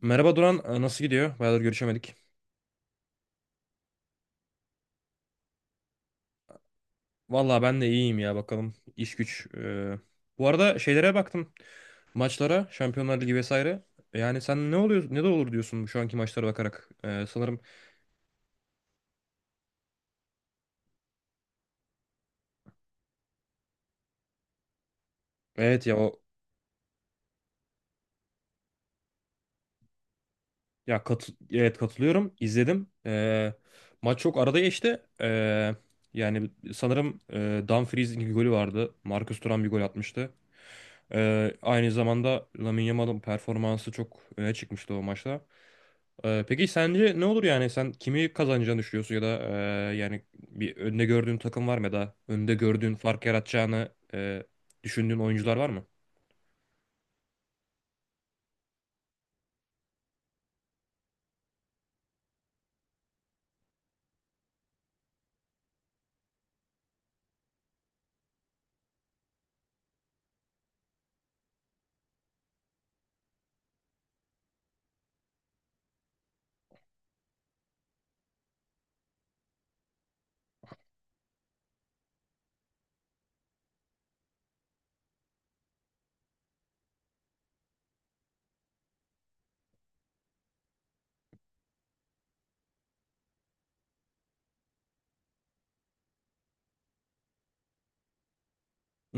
Merhaba Duran, nasıl gidiyor? Bayağıdır görüşemedik. Vallahi ben de iyiyim ya bakalım. İş güç. Bu arada şeylere baktım. Maçlara, Şampiyonlar Ligi vesaire. Yani sen ne oluyor, ne de olur diyorsun şu anki maçlara bakarak. Sanırım evet ya o evet katılıyorum. İzledim. Maç çok arada geçti. Yani sanırım Dumfries'in bir golü vardı. Marcus Thuram bir gol atmıştı. Aynı zamanda Lamine Yamal'ın performansı çok öne çıkmıştı o maçta. Peki sence ne olur, yani sen kimi kazanacağını düşünüyorsun, ya da yani bir önde gördüğün takım var mı, ya da önde gördüğün, fark yaratacağını düşündüğün oyuncular var mı?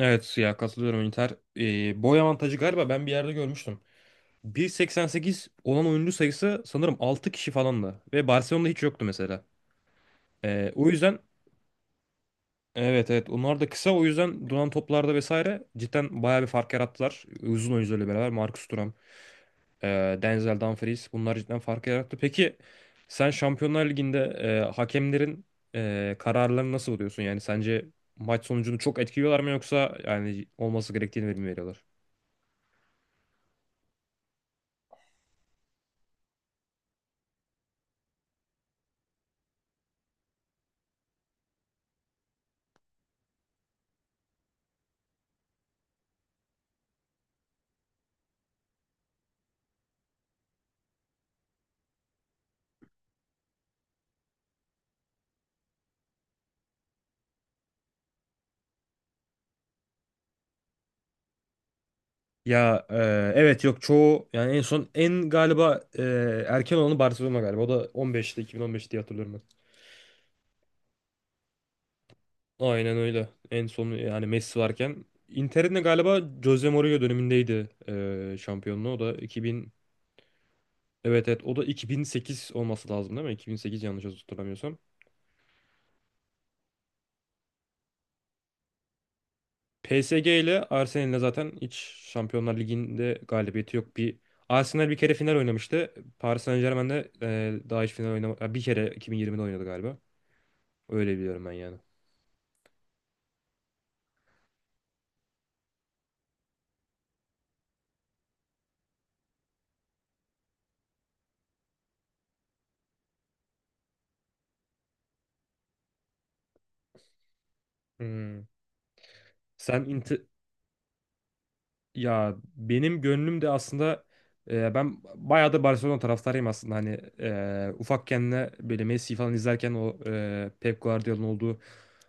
Evet ya katılıyorum, Inter. Boy avantajı galiba ben bir yerde görmüştüm. 1,88 olan oyuncu sayısı sanırım 6 kişi falandı ve Barcelona'da hiç yoktu mesela. O yüzden evet evet onlar da kısa, o yüzden duran toplarda vesaire cidden bayağı bir fark yarattılar. Uzun oyuncularla beraber Marcus Thuram, Denzel Dumfries, bunlar cidden fark yarattı. Peki sen Şampiyonlar Ligi'nde hakemlerin kararlarını nasıl buluyorsun? Yani sence maç sonucunu çok etkiliyorlar mı, yoksa yani olması gerektiğini mi veriyorlar? Ya, evet yok çoğu, yani en son en galiba erken olanı Barcelona galiba. O da 15'te, 2015 diye hatırlıyorum ben. Aynen öyle. En son yani Messi varken Inter'in de galiba Jose Mourinho dönemindeydi şampiyonluğu. O da 2000. Evet evet o da 2008 olması lazım değil mi? 2008 yanlış hatırlamıyorsam. PSG ile Arsenal'le zaten hiç Şampiyonlar Ligi'nde galibiyeti yok. Bir Arsenal bir kere final oynamıştı. Paris Saint-Germain'de daha hiç final oynamadı. Bir kere 2020'de oynadı galiba. Öyle biliyorum ben yani. Hmm. Sen inti Ya benim gönlüm de aslında, ben bayağı da Barcelona taraftarıyım aslında, hani ufakken de böyle Messi falan izlerken, o Pep Guardiola'nın olduğu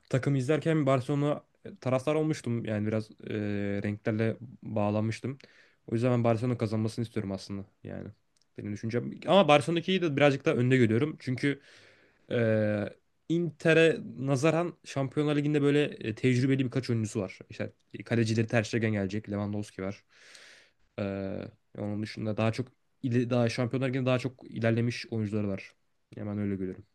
takımı izlerken Barcelona taraftar olmuştum, yani biraz renklerle bağlanmıştım. O yüzden ben Barcelona kazanmasını istiyorum aslında, yani benim düşüncem. Ama Barcelona'daki de birazcık daha önde görüyorum, çünkü ee, Inter'e nazaran Şampiyonlar Ligi'nde böyle tecrübeli birkaç oyuncusu var. İşte kalecileri Ter Stegen gelecek, Lewandowski var. Ee, Onun dışında daha çok, daha Şampiyonlar Ligi'nde daha çok ilerlemiş oyuncuları var. Hemen öyle görüyorum.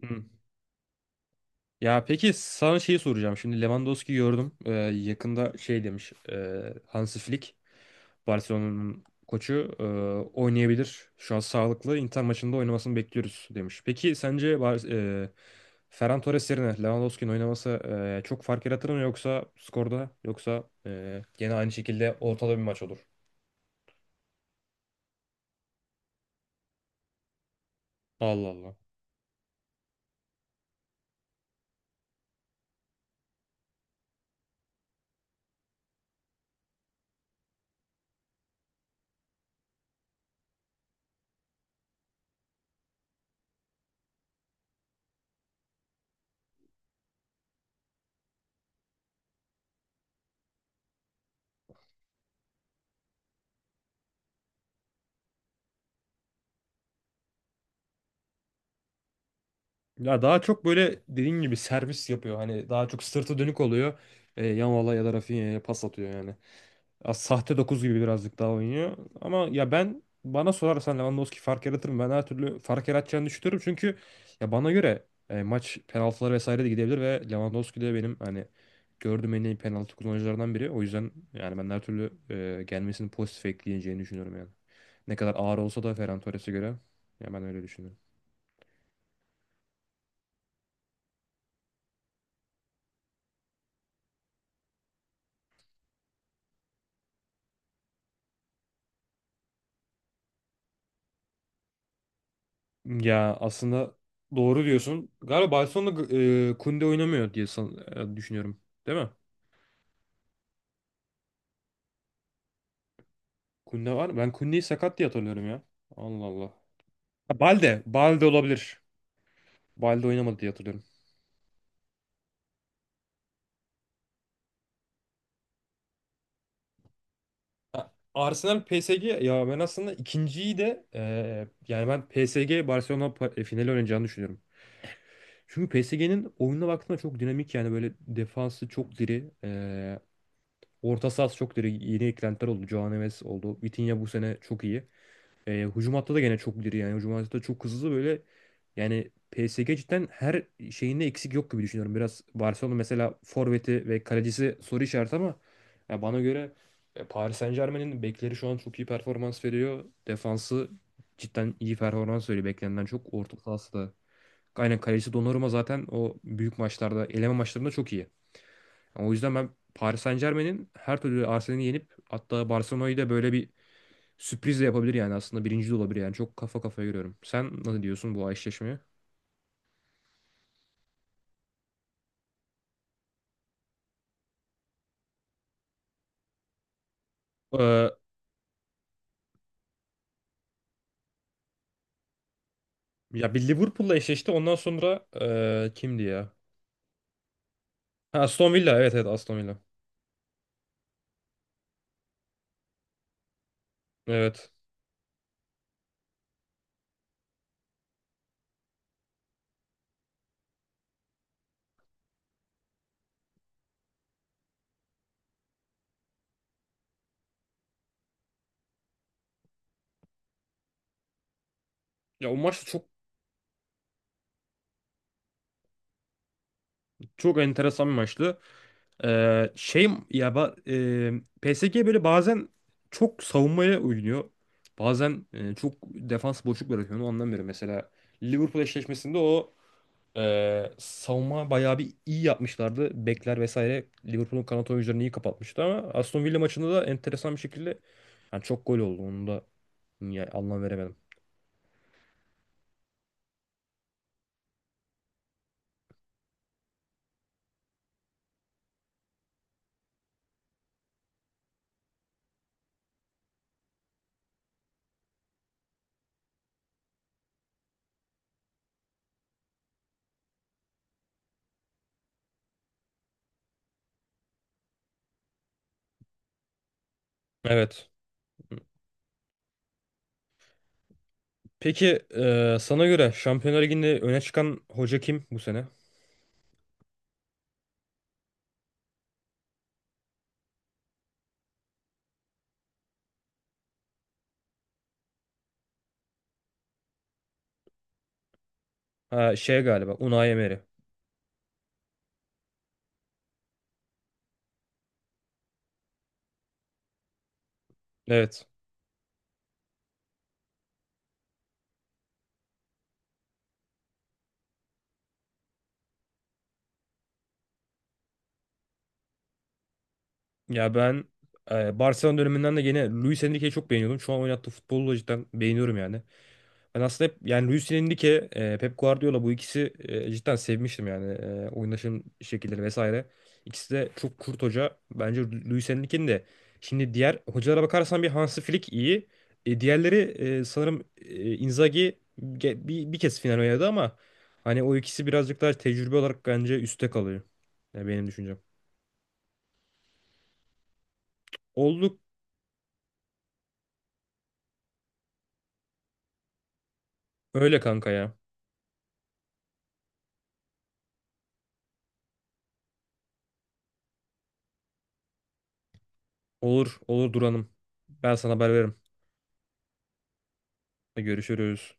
Hı. Ya peki sana şeyi soracağım. Şimdi Lewandowski gördüm. Yakında şey demiş. Hansi Flick, Barcelona'nın koçu, oynayabilir. Şu an sağlıklı. Inter maçında oynamasını bekliyoruz demiş. Peki sence e, Ferran Torres yerine Lewandowski'nin oynaması çok fark yaratır mı yoksa skorda, yoksa gene aynı şekilde ortada bir maç olur? Allah Allah. Ya daha çok böyle dediğin gibi servis yapıyor. Hani daha çok sırtı dönük oluyor. Yamal'a ya da Rafinha'ya pas atıyor yani. Ya sahte 9 gibi birazcık daha oynuyor. Ama ya, ben bana sorarsan Lewandowski fark yaratır mı? Ben her türlü fark yaratacağını düşünüyorum. Çünkü ya bana göre maç penaltılara vesaire de gidebilir ve Lewandowski de benim hani gördüğüm en iyi penaltı kullanıcılarından biri. O yüzden yani ben her türlü gelmesini pozitif ekleyeceğini düşünüyorum yani. Ne kadar ağır olsa da Ferran Torres'e göre, ya ben öyle düşünüyorum. Ya aslında doğru diyorsun. Galiba Barcelona'da Kunde oynamıyor diye düşünüyorum. Değil mi? Kunde var mı? Ben Kunde'yi sakat diye hatırlıyorum ya. Allah Allah. Ha, Balde. Balde olabilir. Balde oynamadı diye hatırlıyorum. Ha, Arsenal PSG, ya ben aslında ikinciyi de, yani ben PSG Barcelona finali oynayacağını düşünüyorum. Çünkü PSG'nin oyununa baktığında çok dinamik, yani böyle defansı çok diri. Orta sahası çok diri. Yeni eklentiler oldu. Joao Neves oldu. Vitinha bu sene çok iyi. Hücum hattı da gene çok diri yani. Hücum hattı da çok hızlı böyle. Yani PSG cidden her şeyinde eksik yok gibi düşünüyorum. Biraz Barcelona mesela forveti ve kalecisi soru işareti, ama ya bana göre Paris Saint-Germain'in bekleri şu an çok iyi performans veriyor. Defansı cidden iyi performans veriyor beklenenden çok. Orta sahası da. Aynen, kalecisi Donnarumma zaten o büyük maçlarda, eleme maçlarında çok iyi. O yüzden ben Paris Saint-Germain'in her türlü Arsenal'i yenip hatta Barcelona'yı da böyle bir sürpriz de yapabilir yani, aslında birinci de olabilir yani, çok kafa kafaya görüyorum. Sen ne diyorsun bu eşleşmeye? Ee, Ya bir Liverpool'la eşleşti ondan sonra, kimdi ya? Ha, Aston Villa, evet evet Aston Villa. Evet. Ya o maç da çok çok enteresan bir maçtı. Şey ya, PSG böyle bazen çok savunmaya oynuyor. Bazen çok defans boşluk bırakıyor. Onu anlamıyorum. Mesela Liverpool eşleşmesinde o savunma bayağı bir iyi yapmışlardı. Bekler vesaire Liverpool'un kanat oyuncularını iyi kapatmıştı, ama Aston Villa maçında da enteresan bir şekilde yani çok gol oldu. Onu da ya, anlam veremedim. Evet. Peki sana göre Şampiyonlar Ligi'nde öne çıkan hoca kim bu sene? Ha, şey galiba Unai Emery. Evet. Ya ben Barcelona döneminden de yine Luis Enrique'yi çok beğeniyordum. Şu an oynattığı futbolu da cidden beğeniyorum yani. Ben aslında hep yani Luis Enrique, Pep Guardiola, bu ikisi cidden sevmiştim yani, oynaşım şekilleri vesaire. İkisi de çok kurt hoca. Bence Luis Enrique'nin de, şimdi diğer hocalara bakarsan bir Hansi Flick iyi. Diğerleri sanırım Inzaghi bir kez final oynadı ama hani o ikisi birazcık daha tecrübe olarak bence üstte kalıyor. Yani benim düşüncem. Olduk öyle kanka ya. Olur olur Duran'ım. Ben sana haber veririm. Görüşürüz.